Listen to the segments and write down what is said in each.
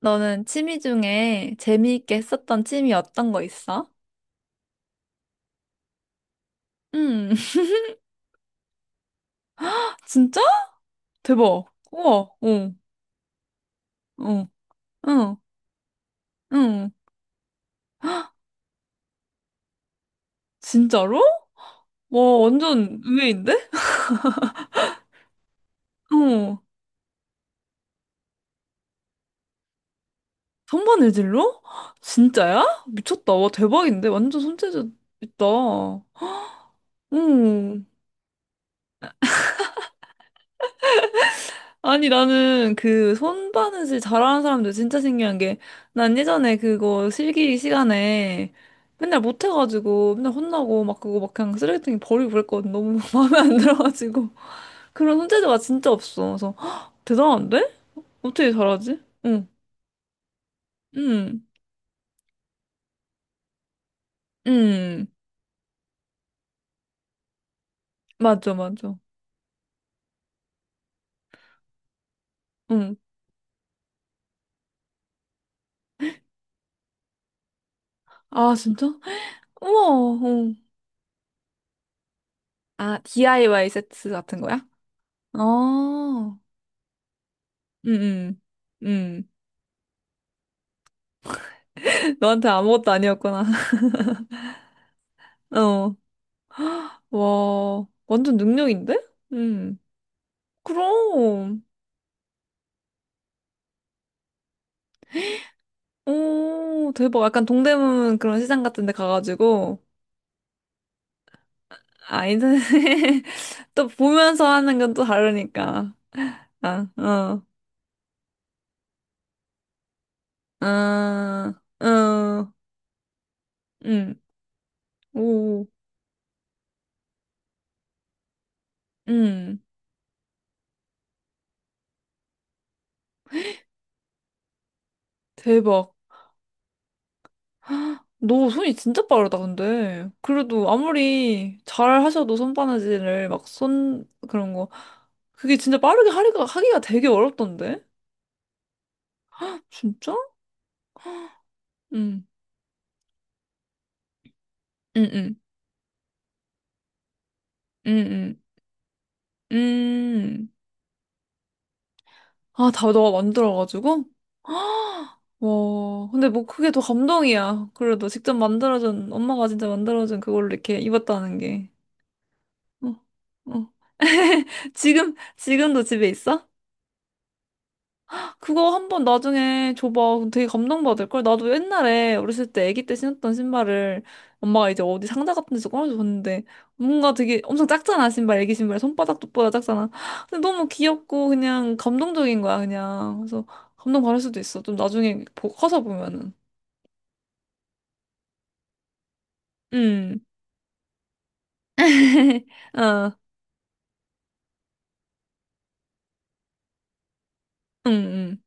너는 취미 중에 재미있게 했었던 취미 어떤 거 있어? 응. 진짜? 대박. 우와. 응. 응. 응. 응. 진짜로? 와, 완전 의외인데? 어. 손반의질로 진짜야? 미쳤다. 와, 대박인데? 완전 손재주 있다. 응. 아니, 나는 그 손바느질 잘하는 사람들 진짜 신기한 게, 난 예전에 그거 실기 시간에 맨날 못해가지고 맨날 혼나고 막 그거 막 그냥 쓰레기통에 버리고 그랬거든. 너무 마음에 안 들어가지고. 그런 손재주가 진짜 없어. 그래서, "헉, 대단한데? 어떻게 잘하지? 응, 응, 응. 맞아, 맞아. 응. 아, 진짜? 우와, 응. 아, DIY 세트 같은 거야? 아, 응, 응, 응. 너한테 아무것도 아니었구나. 어. 와, 완전 능력인데? 음. 그럼. 오, 대박. 약간 동대문 그런 시장 같은 데 가가지고. 아, 인터넷. 또 보면서 하는 건 또 다르니까. 아, 어, 아, 어, 음. 오, 음, 대박. 너 손이 진짜 빠르다, 근데. 그래도 아무리 잘 하셔도 손바느질을 막 손, 그런 거. 그게 진짜 빠르게 하기가, 하기가 되게 어렵던데? 진짜? 응. 응응응 응 음. 아, 다 너가 만들어가지고? 아, 와, 근데 뭐 그게 더 감동이야. 그래도 직접 만들어준, 엄마가 진짜 만들어준 그걸로 이렇게 입었다는 게. 어, 어. 지금, 지금도 집에 있어? 그거 한번 나중에 줘봐. 그럼 되게 감동받을걸? 나도 옛날에 어렸을 때 아기 때 신었던 신발을 엄마가 이제 어디 상자 같은 데서 꺼내줬는데 뭔가 되게 엄청 작잖아, 신발. 아기 신발. 손바닥보다 작잖아. 근데 너무 귀엽고 그냥 감동적인 거야, 그냥. 그래서 감동받을 수도 있어. 좀 나중에 보- 커서 보면은. 음. 어, 응 응.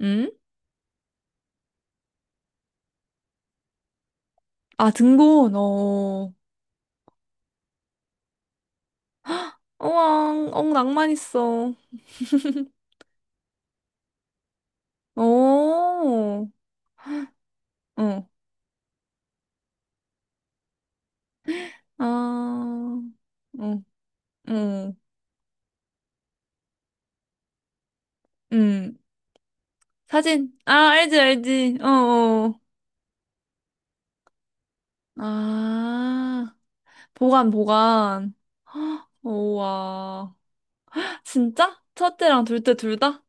응? 응? 아, 등본. 어. 우왕, 엉, 낭만 있어. 오. 어. 아. 어. 어, 음. 사진. 아, 알지, 알지. 어, 어. 아, 보관, 보관. 우와. 진짜? 첫째랑 둘째 둘 다?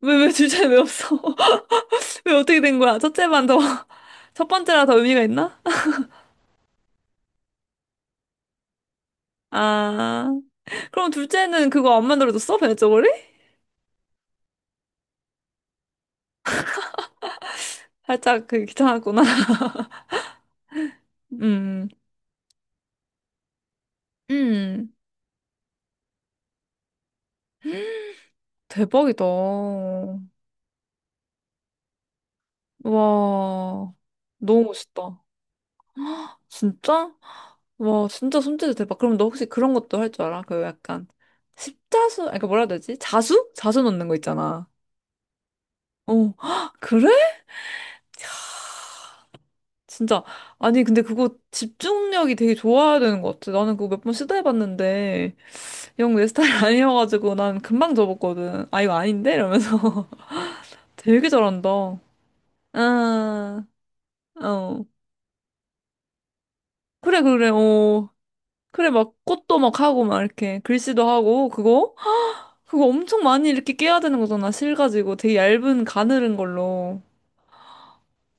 왜, 왜 둘째 왜 없어? 왜 어떻게 된 거야? 첫째만 더, 첫 번째랑 더 의미가 있나? 아, 그럼 둘째는 그거 안 만들어줬어? 배냇저고리? 살짝 그 귀찮았구나. 음, 음. 대박이다. 와, 너무 멋있다. 진짜? 와, 진짜 손재주 대박. 그럼 너 혹시 그런 것도 할 줄 알아? 그 약간 십자수, 아니, 그 뭐라 해야 되지? 자수? 자수 넣는 거 있잖아. 어, 헉, 그래? 진짜. 아니, 근데 그거 집중력이 되게 좋아야 되는 것 같아. 나는 그거 몇 번 시도해봤는데, 영 내 스타일 아니어가지고 난 금방 접었거든. 아, 이거 아닌데? 이러면서. 되게 잘한다. 아, 어. 그래, 그래, 어. 그래, 막 꽃도 막 하고 막 이렇게 글씨도 하고 그거? 그거 엄청 많이 이렇게 깨야 되는 거잖아. 실 가지고 되게 얇은 가늘은 걸로.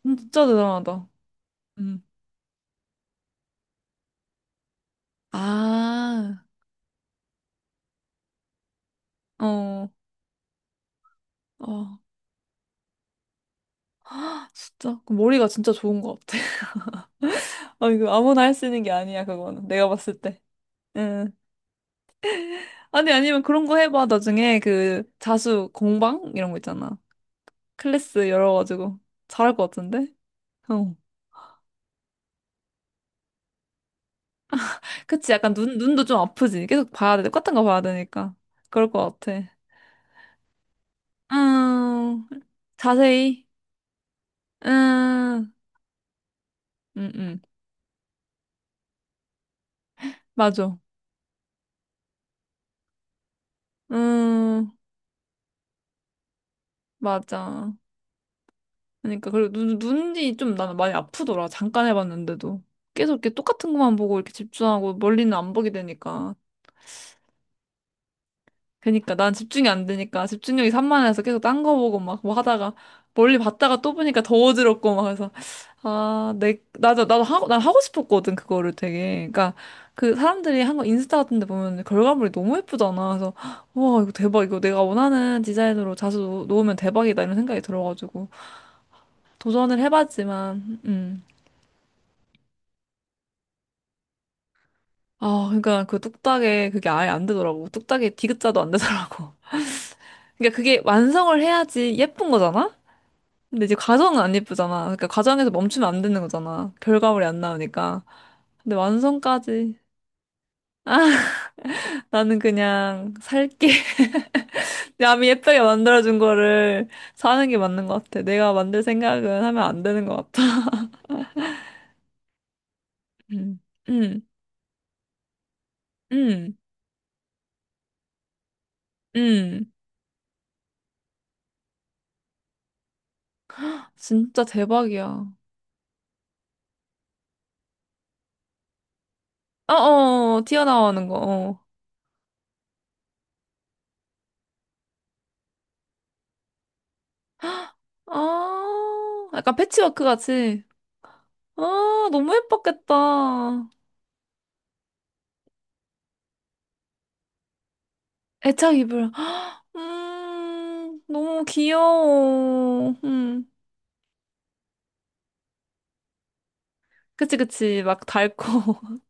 진짜 대단하다. 음. 아, 어, 어, 진짜 그 머리가 진짜 좋은 것 같아. 아, 이거 아무나 할 수 있는 게 아니야, 그거는. 내가 봤을 때. 응. 아니, 아니면 그런 거 해봐. 나중에 그 자수 공방 이런 거 있잖아. 클래스 열어가지고 잘할 것 같은데? 어. 그치, 약간 눈, 눈도 좀 아프지. 계속 봐야 돼. 똑같은 거 봐야 되니까. 그럴 것 같아. 음, 자세히. 음, 음, 음. 맞아. 음, 맞아. 그러니까, 그리고 눈, 눈이 좀 나는 많이 아프더라. 잠깐 해봤는데도. 계속 이렇게 똑같은 것만 보고 이렇게 집중하고 멀리는 안 보게 되니까. 그니까 난 집중이 안 되니까 집중력이 산만해서 계속 딴 거 보고 막 뭐 하다가 멀리 봤다가 또 보니까 더 어지럽고 막 해서 아, 내 나도 나도 하고 난 하고 싶었거든 그거를 되게 그러니까 그 사람들이 한 거 인스타 같은 데 보면 결과물이 너무 예쁘잖아 그래서 와 이거 대박 이거 내가 원하는 디자인으로 자수 놓- 놓으면 대박이다 이런 생각이 들어가지고 도전을 해봤지만 아, 그러니까 그 뚝딱에 그게 아예 안 되더라고. 뚝딱에 디귿자도 안 되더라고. 그러니까 그게 완성을 해야지 예쁜 거잖아? 근데 이제 과정은 안 예쁘잖아. 그러니까 과정에서 멈추면 안 되는 거잖아. 결과물이 안 나오니까. 근데 완성까지 나는 그냥 살게. 남이 예쁘게 만들어준 거를 사는 게 맞는 것 같아. 내가 만들 생각은 하면 안 되는 것 같아. 음, 음, 음, 음. 진짜 대박이야. 어, 어, 어, 튀어나오는 거. 어. 아, 약간 패치워크 같이. 아, 너무 예뻤겠다. 애착 이불. 너무 귀여워. 음. 그치, 그치. 막 닳고.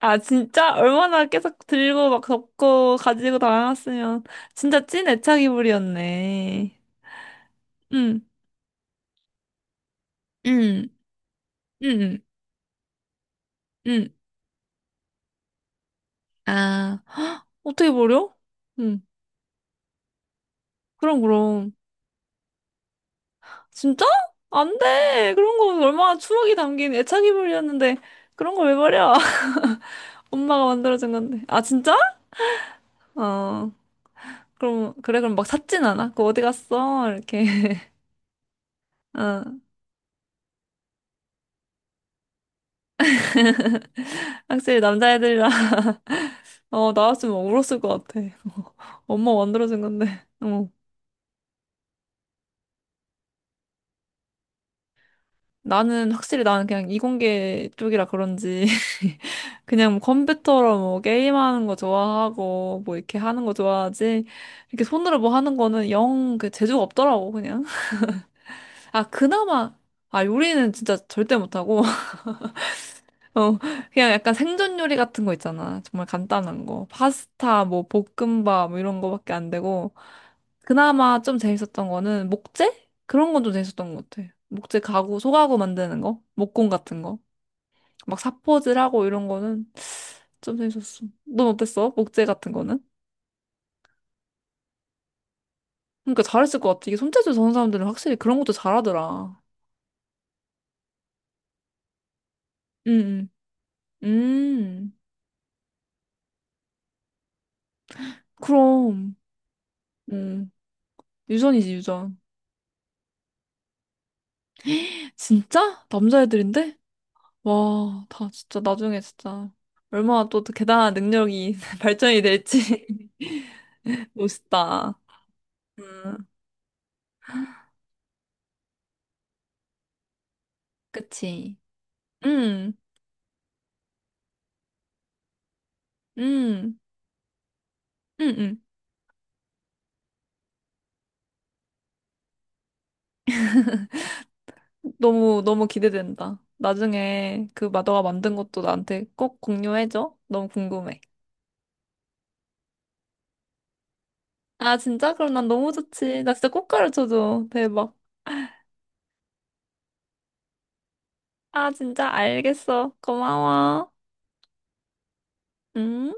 아, 진짜? 얼마나 계속 들고 막 덮고 가지고 다녔으면. 진짜 찐 애착 이불이었네. 응, 응, 응, 응. 아, 어떻게 버려? 응. 그럼, 그럼. 진짜? 안 돼. 그런 거 얼마나 추억이 담긴 애착 이불이었는데. 그런 거 왜 버려? 엄마가 만들어준 건데. 아, 진짜? 어. 그럼, 그래, 그럼 막 샀진 않아? 그 어디 갔어? 이렇게. 어, 확실히 남자애들이랑, 어, 나왔으면 막 울었을 것 같아. 엄마 만들어준 건데. 어. 나는, 확실히 나는 그냥 이공계 쪽이라 그런지, 그냥 뭐 컴퓨터로 뭐 게임하는 거 좋아하고, 뭐 이렇게 하는 거 좋아하지, 이렇게 손으로 뭐 하는 거는 영 그 재주가 없더라고, 그냥. 아, 그나마, 아, 요리는 진짜 절대 못하고, 어, 그냥 약간 생존 요리 같은 거 있잖아. 정말 간단한 거. 파스타, 뭐, 볶음밥, 뭐 이런 거밖에 안 되고. 그나마 좀 재밌었던 거는 목재? 그런 건 좀 재밌었던 것 같아. 목재 가구, 소가구 만드는 거? 목공 같은 거? 막 사포질하고 이런 거는 좀 재밌었어. 넌 어땠어? 목재 같은 거는? 그러니까 잘했을 것 같아. 이게 손재주 좋은 사람들은 확실히 그런 것도 잘하더라. 음, 음, 음. 그럼, 음. 유전이지, 유전. 진짜? 남자애들인데? 와, 다 진짜 나중에 진짜 얼마나 또 대단한 능력이 발전이 될지 멋있다. 음, 그치. 음, 음, 음, 음. 너무, 너무 기대된다. 나중에 그 마더가 만든 것도 나한테 꼭 공유해줘. 너무 궁금해. 아, 진짜? 그럼 난 너무 좋지. 나 진짜 꼭 가르쳐줘. 대박. 아, 진짜? 알겠어. 고마워. 음.